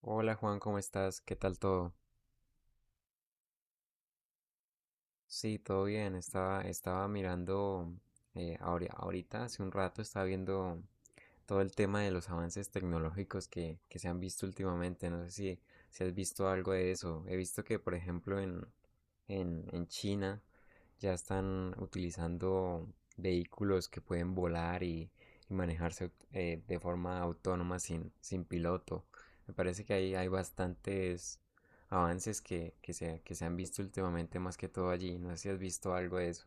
Hola Juan, ¿cómo estás? ¿Qué tal todo? Sí, todo bien. Estaba mirando, ahorita, hace un rato, estaba viendo todo el tema de los avances tecnológicos que se han visto últimamente. No sé si has visto algo de eso. He visto que, por ejemplo, en China ya están utilizando vehículos que pueden volar y manejarse de forma autónoma sin piloto. Me parece que ahí hay bastantes avances que se han visto últimamente más que todo allí. No sé si has visto algo de eso.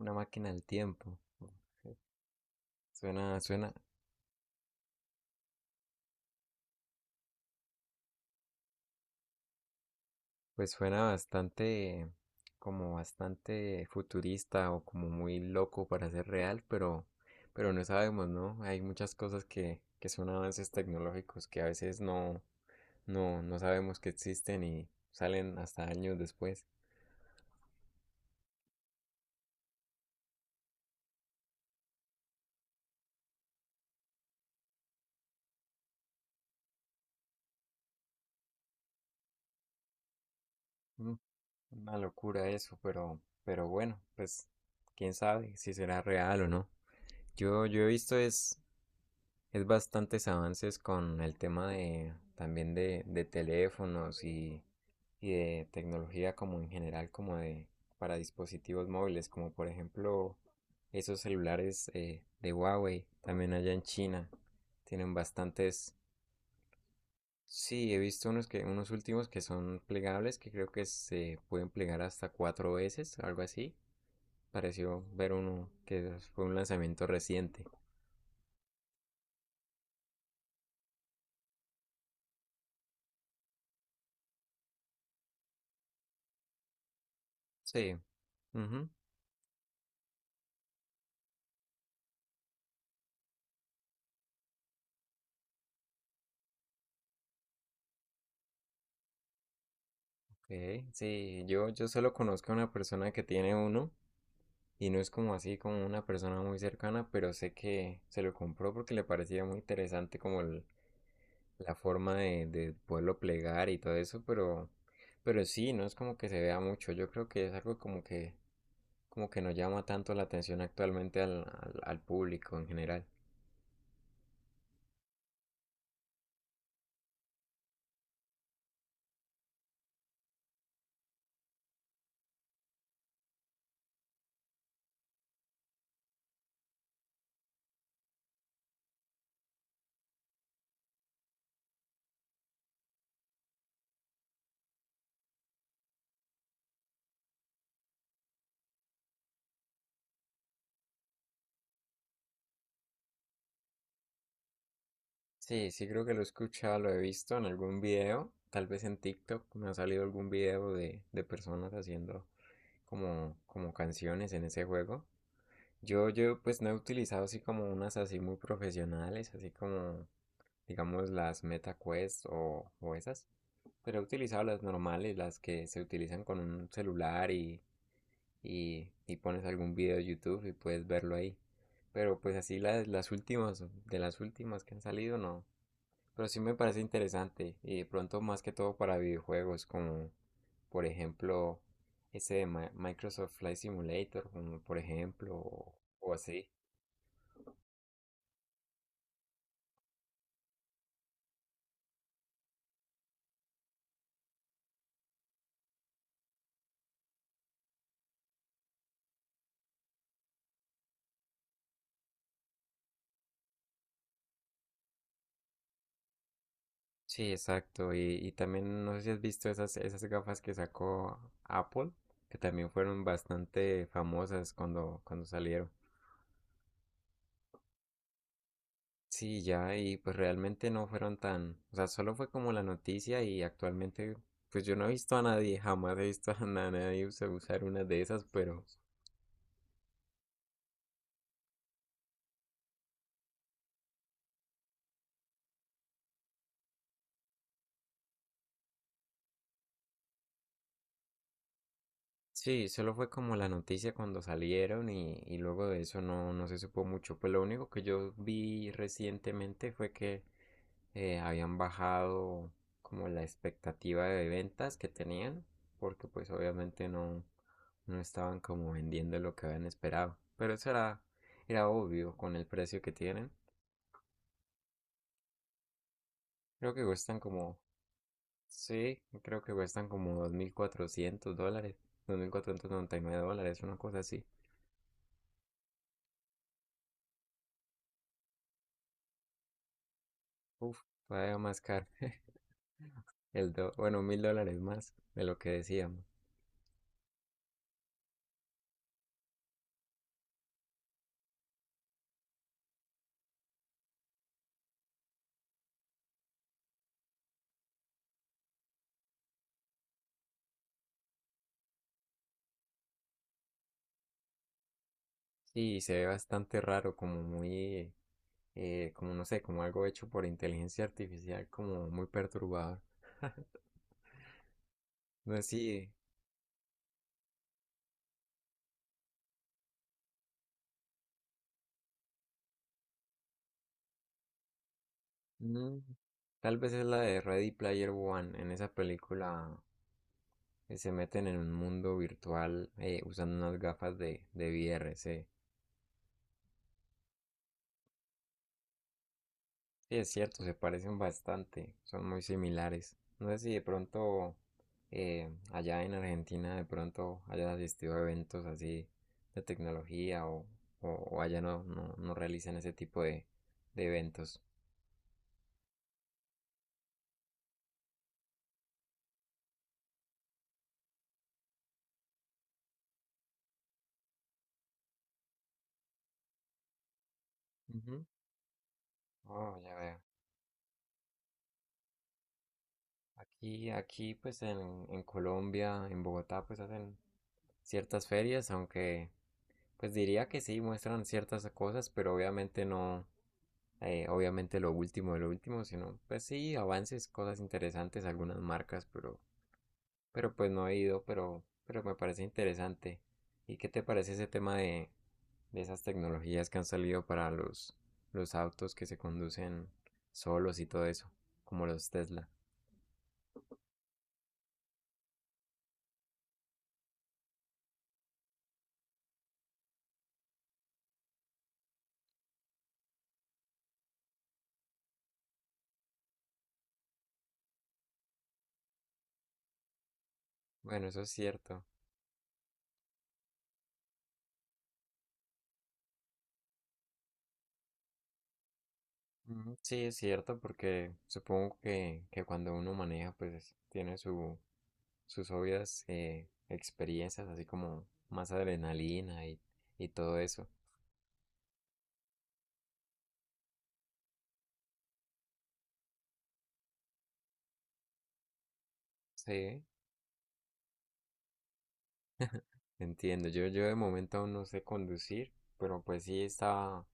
Una máquina del tiempo. Suena, suena, pues suena bastante, como bastante futurista o como muy loco para ser real, pero no sabemos, ¿no? Hay muchas cosas que son avances tecnológicos que a veces no sabemos que existen y salen hasta años después. Mm. Una locura eso, pero bueno, pues quién sabe si será real o no. Yo he visto es bastantes avances con el tema de también de teléfonos y de tecnología como en general, como de para dispositivos móviles, como por ejemplo esos celulares de Huawei, también allá en China, tienen bastantes. Sí, he visto unos que, unos últimos que son plegables, que creo que se pueden plegar hasta cuatro veces, algo así. Pareció ver uno que fue un lanzamiento reciente. Sí. Ujú. Ok, sí, yo solo conozco a una persona que tiene uno y no es como así como una persona muy cercana, pero sé que se lo compró porque le parecía muy interesante como la forma de poderlo plegar y todo eso, pero sí, no es como que se vea mucho. Yo creo que es algo como que no llama tanto la atención actualmente al público en general. Sí, sí creo que lo he escuchado, lo he visto en algún video, tal vez en TikTok me ha salido algún video de personas haciendo como canciones en ese juego. Yo pues no he utilizado así como unas así muy profesionales, así como digamos las Meta Quest o esas, pero he utilizado las normales, las que se utilizan con un celular y pones algún video de YouTube y puedes verlo ahí. Pero pues así de las últimas que han salido, no. Pero sí me parece interesante. Y de pronto más que todo para videojuegos, como por ejemplo ese de Microsoft Flight Simulator, como por ejemplo, o así. Sí, exacto. Y también no sé si has visto esas gafas que sacó Apple, que también fueron bastante famosas cuando salieron. Sí, ya, y pues realmente no fueron tan, o sea, solo fue como la noticia y actualmente, pues yo no he visto a nadie, jamás he visto a nadie usar una de esas, pero sí, solo fue como la noticia cuando salieron y luego de eso no se supo mucho. Pues lo único que yo vi recientemente fue que habían bajado como la expectativa de ventas que tenían, porque pues obviamente no estaban como vendiendo lo que habían esperado. Pero eso era obvio con el precio que tienen. Creo que cuestan como, sí, creo que cuestan como $2,400, $2,499, una cosa así. Uf, todavía más caro. Bueno, $1,000 más de lo que decíamos. Sí, se ve bastante raro, como muy, como no sé, como algo hecho por inteligencia artificial, como muy perturbador. No sé, sí, mm, tal vez es la de Ready Player One. En esa película se meten en un mundo virtual usando unas gafas de VR. Sí, Sí, es cierto, se parecen bastante, son muy similares. No sé si de pronto allá en Argentina de pronto hayas asistido a eventos así de tecnología o allá no realizan ese tipo de eventos. Ujú. Oh, ya veo. Aquí pues en Colombia, en Bogotá pues hacen ciertas ferias, aunque pues diría que sí muestran ciertas cosas, pero obviamente no. Obviamente lo último de lo último, sino pues sí, avances, cosas interesantes, algunas marcas, pero pues no he ido, pero me parece interesante. ¿Y qué te parece ese tema de esas tecnologías que han salido para los autos que se conducen solos y todo eso, como los Tesla? Bueno, eso es cierto. Mm, sí, es cierto, porque supongo que cuando uno maneja, pues tiene sus obvias experiencias, así como más adrenalina y todo eso. Sí, entiendo. Yo de momento aún no sé conducir, pero pues sí estaba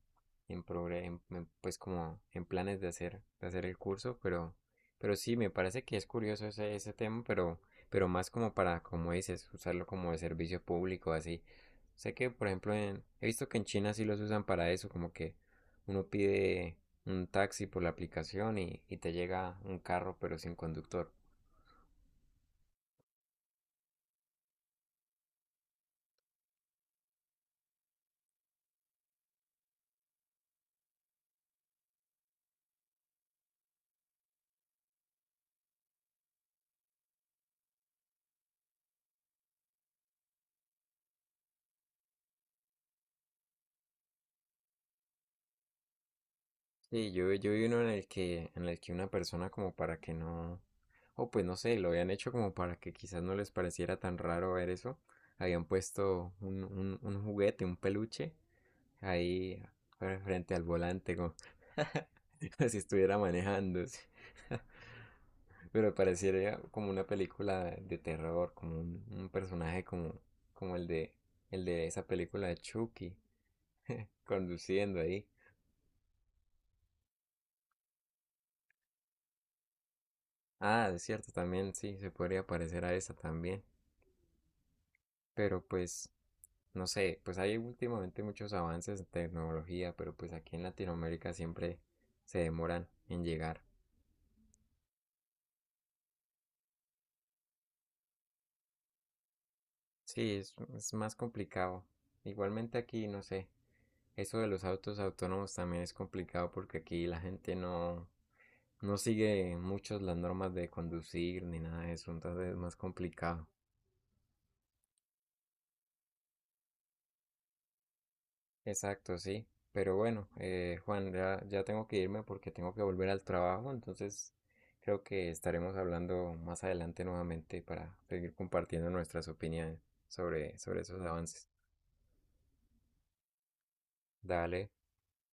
en, progre- en, pues como en planes de hacer el curso, pero sí, me parece que es curioso ese tema, pero más como para, como dices, usarlo como de servicio público, así. Sé que, por ejemplo, he visto que en China sí los usan para eso, como que uno pide un taxi por la aplicación y te llega un carro pero sin conductor. Sí, yo vi uno en el que una persona como para que no, o pues no sé, lo habían hecho como para que quizás no les pareciera tan raro ver eso. Habían puesto un juguete, un peluche, ahí frente al volante, como como si estuviera manejando. Sí. Pero pareciera como una película de terror, como un personaje como el de esa película de Chucky, conduciendo ahí. Ah, es cierto, también sí, se podría parecer a esa también. Pero pues, no sé, pues hay últimamente muchos avances en tecnología, pero pues aquí en Latinoamérica siempre se demoran en llegar. Sí, es más complicado. Igualmente aquí, no sé, eso de los autos autónomos también es complicado porque aquí la gente no sigue muchos las normas de conducir ni nada de eso, entonces es más complicado. Exacto, sí. Pero bueno, Juan, ya tengo que irme porque tengo que volver al trabajo, entonces creo que estaremos hablando más adelante nuevamente para seguir compartiendo nuestras opiniones sobre esos avances. Dale.